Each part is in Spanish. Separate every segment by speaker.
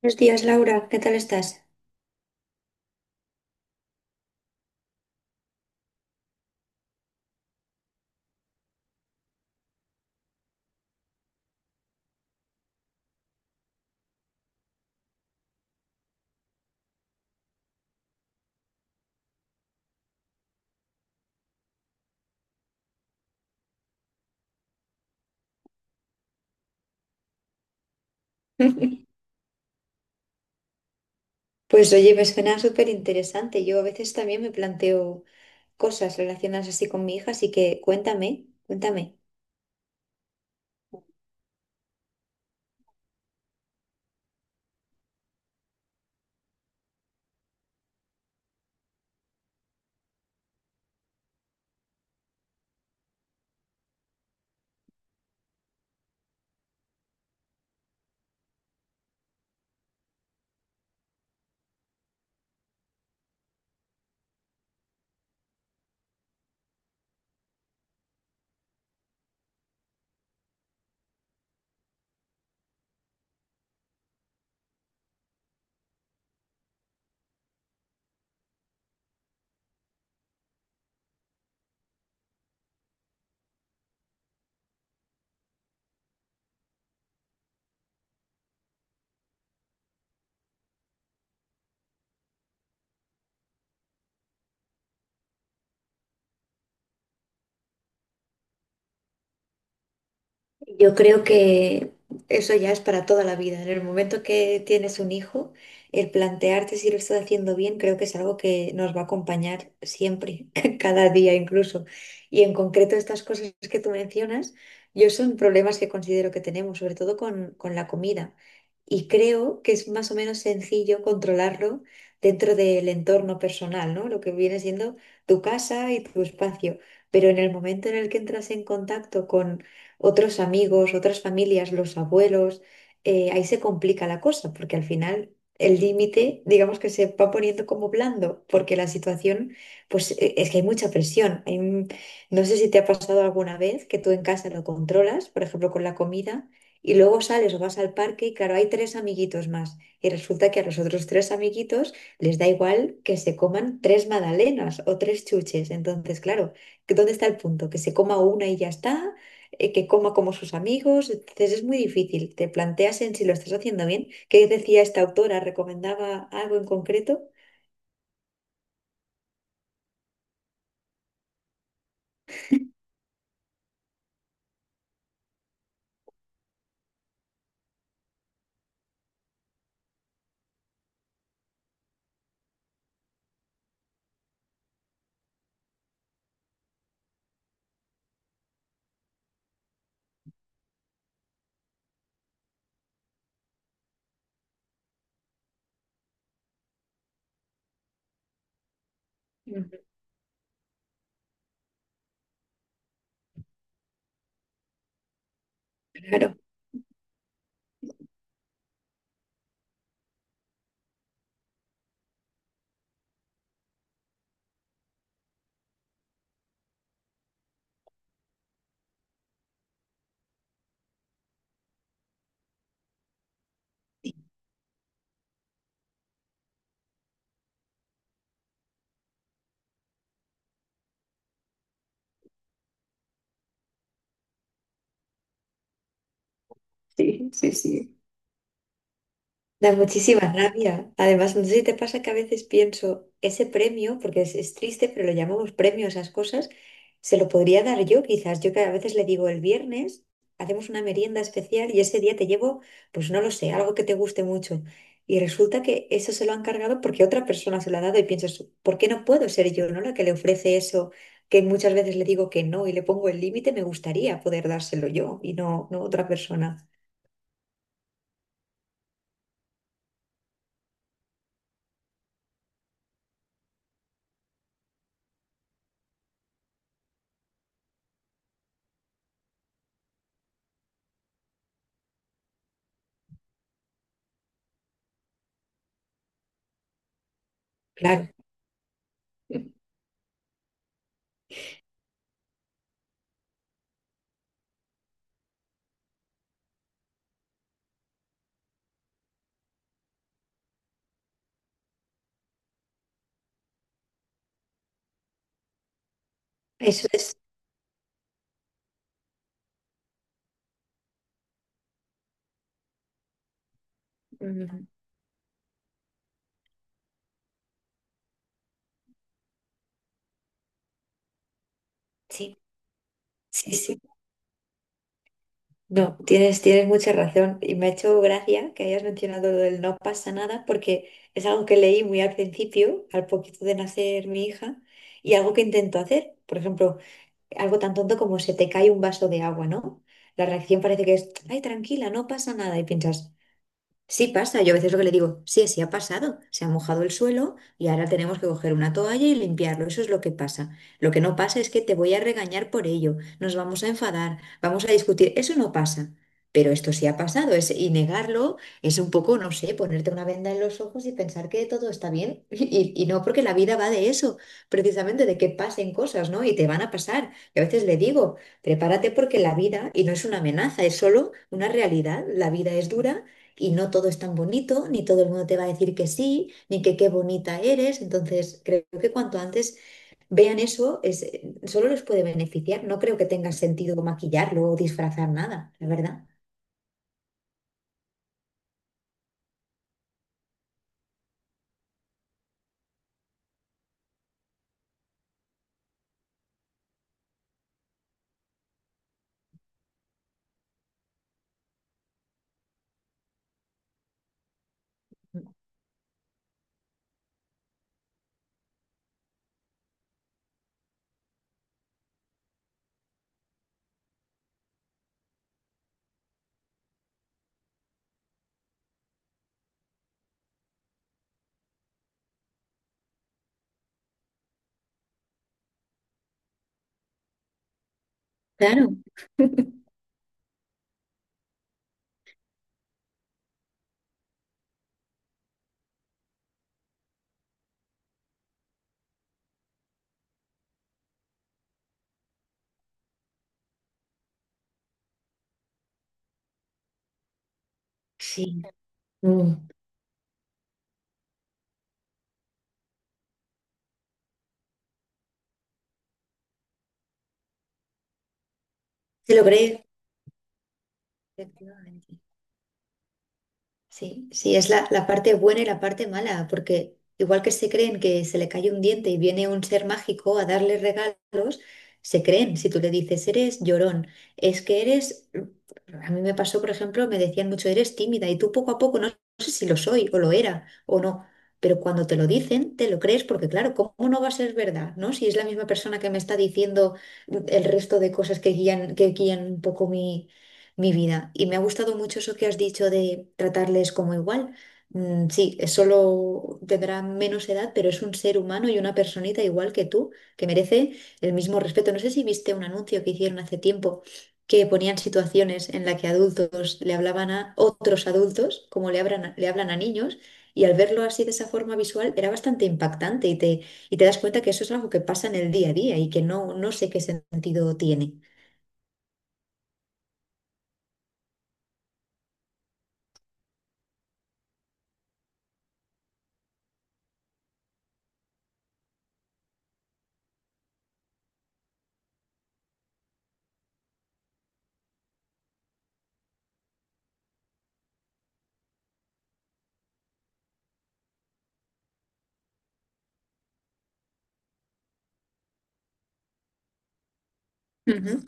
Speaker 1: Buenos días, Laura, ¿qué tal estás? Pues oye, me suena súper interesante. Yo a veces también me planteo cosas relacionadas así con mi hija, así que cuéntame, cuéntame. Yo creo que eso ya es para toda la vida. En el momento que tienes un hijo, el plantearte si lo estás haciendo bien, creo que es algo que nos va a acompañar siempre, cada día incluso. Y en concreto estas cosas que tú mencionas, yo son problemas que considero que tenemos, sobre todo con la comida. Y creo que es más o menos sencillo controlarlo dentro del entorno personal, ¿no? Lo que viene siendo tu casa y tu espacio. Pero en el momento en el que entras en contacto otros amigos, otras familias, los abuelos, ahí se complica la cosa, porque al final el límite, digamos que se va poniendo como blando, porque la situación, pues es que hay mucha presión. No sé si te ha pasado alguna vez que tú en casa lo controlas, por ejemplo, con la comida. Y luego sales o vas al parque y claro, hay tres amiguitos más. Y resulta que a los otros tres amiguitos les da igual que se coman tres magdalenas o tres chuches. Entonces, claro, ¿que ¿dónde está el punto? ¿Que se coma una y ya está? Que coma como sus amigos. Entonces es muy difícil. Te planteas en si lo estás haciendo bien. ¿Qué decía esta autora? ¿Recomendaba algo en concreto? Ujú. Claro, sí, sí, sí. Da muchísima rabia. Además, no sé si te pasa que a veces pienso, ese premio, porque es triste, pero lo llamamos premio a esas cosas, se lo podría dar yo quizás. Yo que a veces le digo, el viernes hacemos una merienda especial y ese día te llevo, pues no lo sé, algo que te guste mucho. Y resulta que eso se lo han cargado porque otra persona se lo ha dado y pienso, ¿por qué no puedo ser yo, no? La que le ofrece eso, que muchas veces le digo que no y le pongo el límite, me gustaría poder dárselo yo y no, no otra persona. Claro, eso es... Mm. Sí, sí, sí. No, tienes mucha razón. Y me ha hecho gracia que hayas mencionado lo del no pasa nada, porque es algo que leí muy al principio, al poquito de nacer mi hija, y algo que intento hacer. Por ejemplo, algo tan tonto como se te cae un vaso de agua, ¿no? La reacción parece que es, ay, tranquila, no pasa nada. Y piensas, sí pasa, yo a veces lo que le digo, sí, sí ha pasado, se ha mojado el suelo y ahora tenemos que coger una toalla y limpiarlo, eso es lo que pasa. Lo que no pasa es que te voy a regañar por ello, nos vamos a enfadar, vamos a discutir, eso no pasa, pero esto sí ha pasado, es, y negarlo es un poco, no sé, ponerte una venda en los ojos y pensar que todo está bien, y no porque la vida va de eso, precisamente de que pasen cosas, ¿no? Y te van a pasar. Y a veces le digo, prepárate porque la vida, y no es una amenaza, es solo una realidad, la vida es dura y no todo es tan bonito, ni todo el mundo te va a decir que sí, ni que qué bonita eres. Entonces, creo que cuanto antes vean eso, es, solo les puede beneficiar. No creo que tenga sentido maquillarlo o disfrazar nada, la verdad. Claro. Sí. Mm. ¿Se lo cree? Efectivamente. Sí, sí, es la parte buena y la parte mala, porque igual que se creen que se le cae un diente y viene un ser mágico a darle regalos, se creen, si tú le dices, eres llorón, es que eres, a mí me pasó, por ejemplo, me decían mucho, eres tímida y tú poco a poco, no, no sé si lo soy o lo era o no, pero cuando te lo dicen, te lo crees, porque claro, ¿cómo no va a ser verdad, no? Si es la misma persona que me está diciendo el resto de cosas que guían un poco mi vida. Y me ha gustado mucho eso que has dicho de tratarles como igual. Mm, sí, es solo tendrá menos edad, pero es un ser humano y una personita igual que tú, que merece el mismo respeto. No sé si viste un anuncio que hicieron hace tiempo que ponían situaciones en la que adultos le hablaban a otros adultos, como le hablan a niños, y al verlo así de esa forma visual era bastante impactante y te das cuenta que eso es algo que pasa en el día a día y que no, no sé qué sentido tiene. Ujú,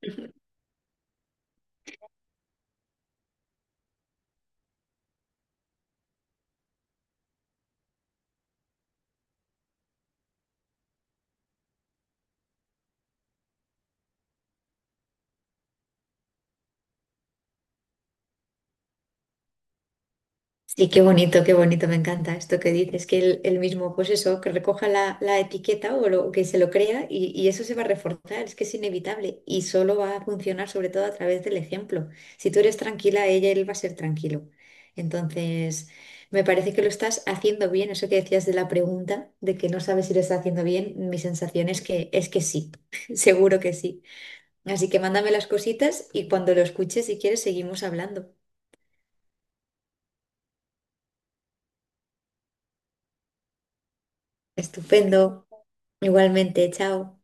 Speaker 1: claro. Sí, qué bonito, me encanta esto que dices, que él mismo, pues eso, que recoja la etiqueta o lo, que se lo crea y eso se va a reforzar, es que es inevitable y solo va a funcionar sobre todo a través del ejemplo. Si tú eres tranquila, ella, él va a ser tranquilo. Entonces, me parece que lo estás haciendo bien, eso que decías de la pregunta, de que no sabes si lo estás haciendo bien, mi sensación es que sí, seguro que sí. Así que mándame las cositas y cuando lo escuches, si quieres, seguimos hablando. Estupendo. Igualmente, chao.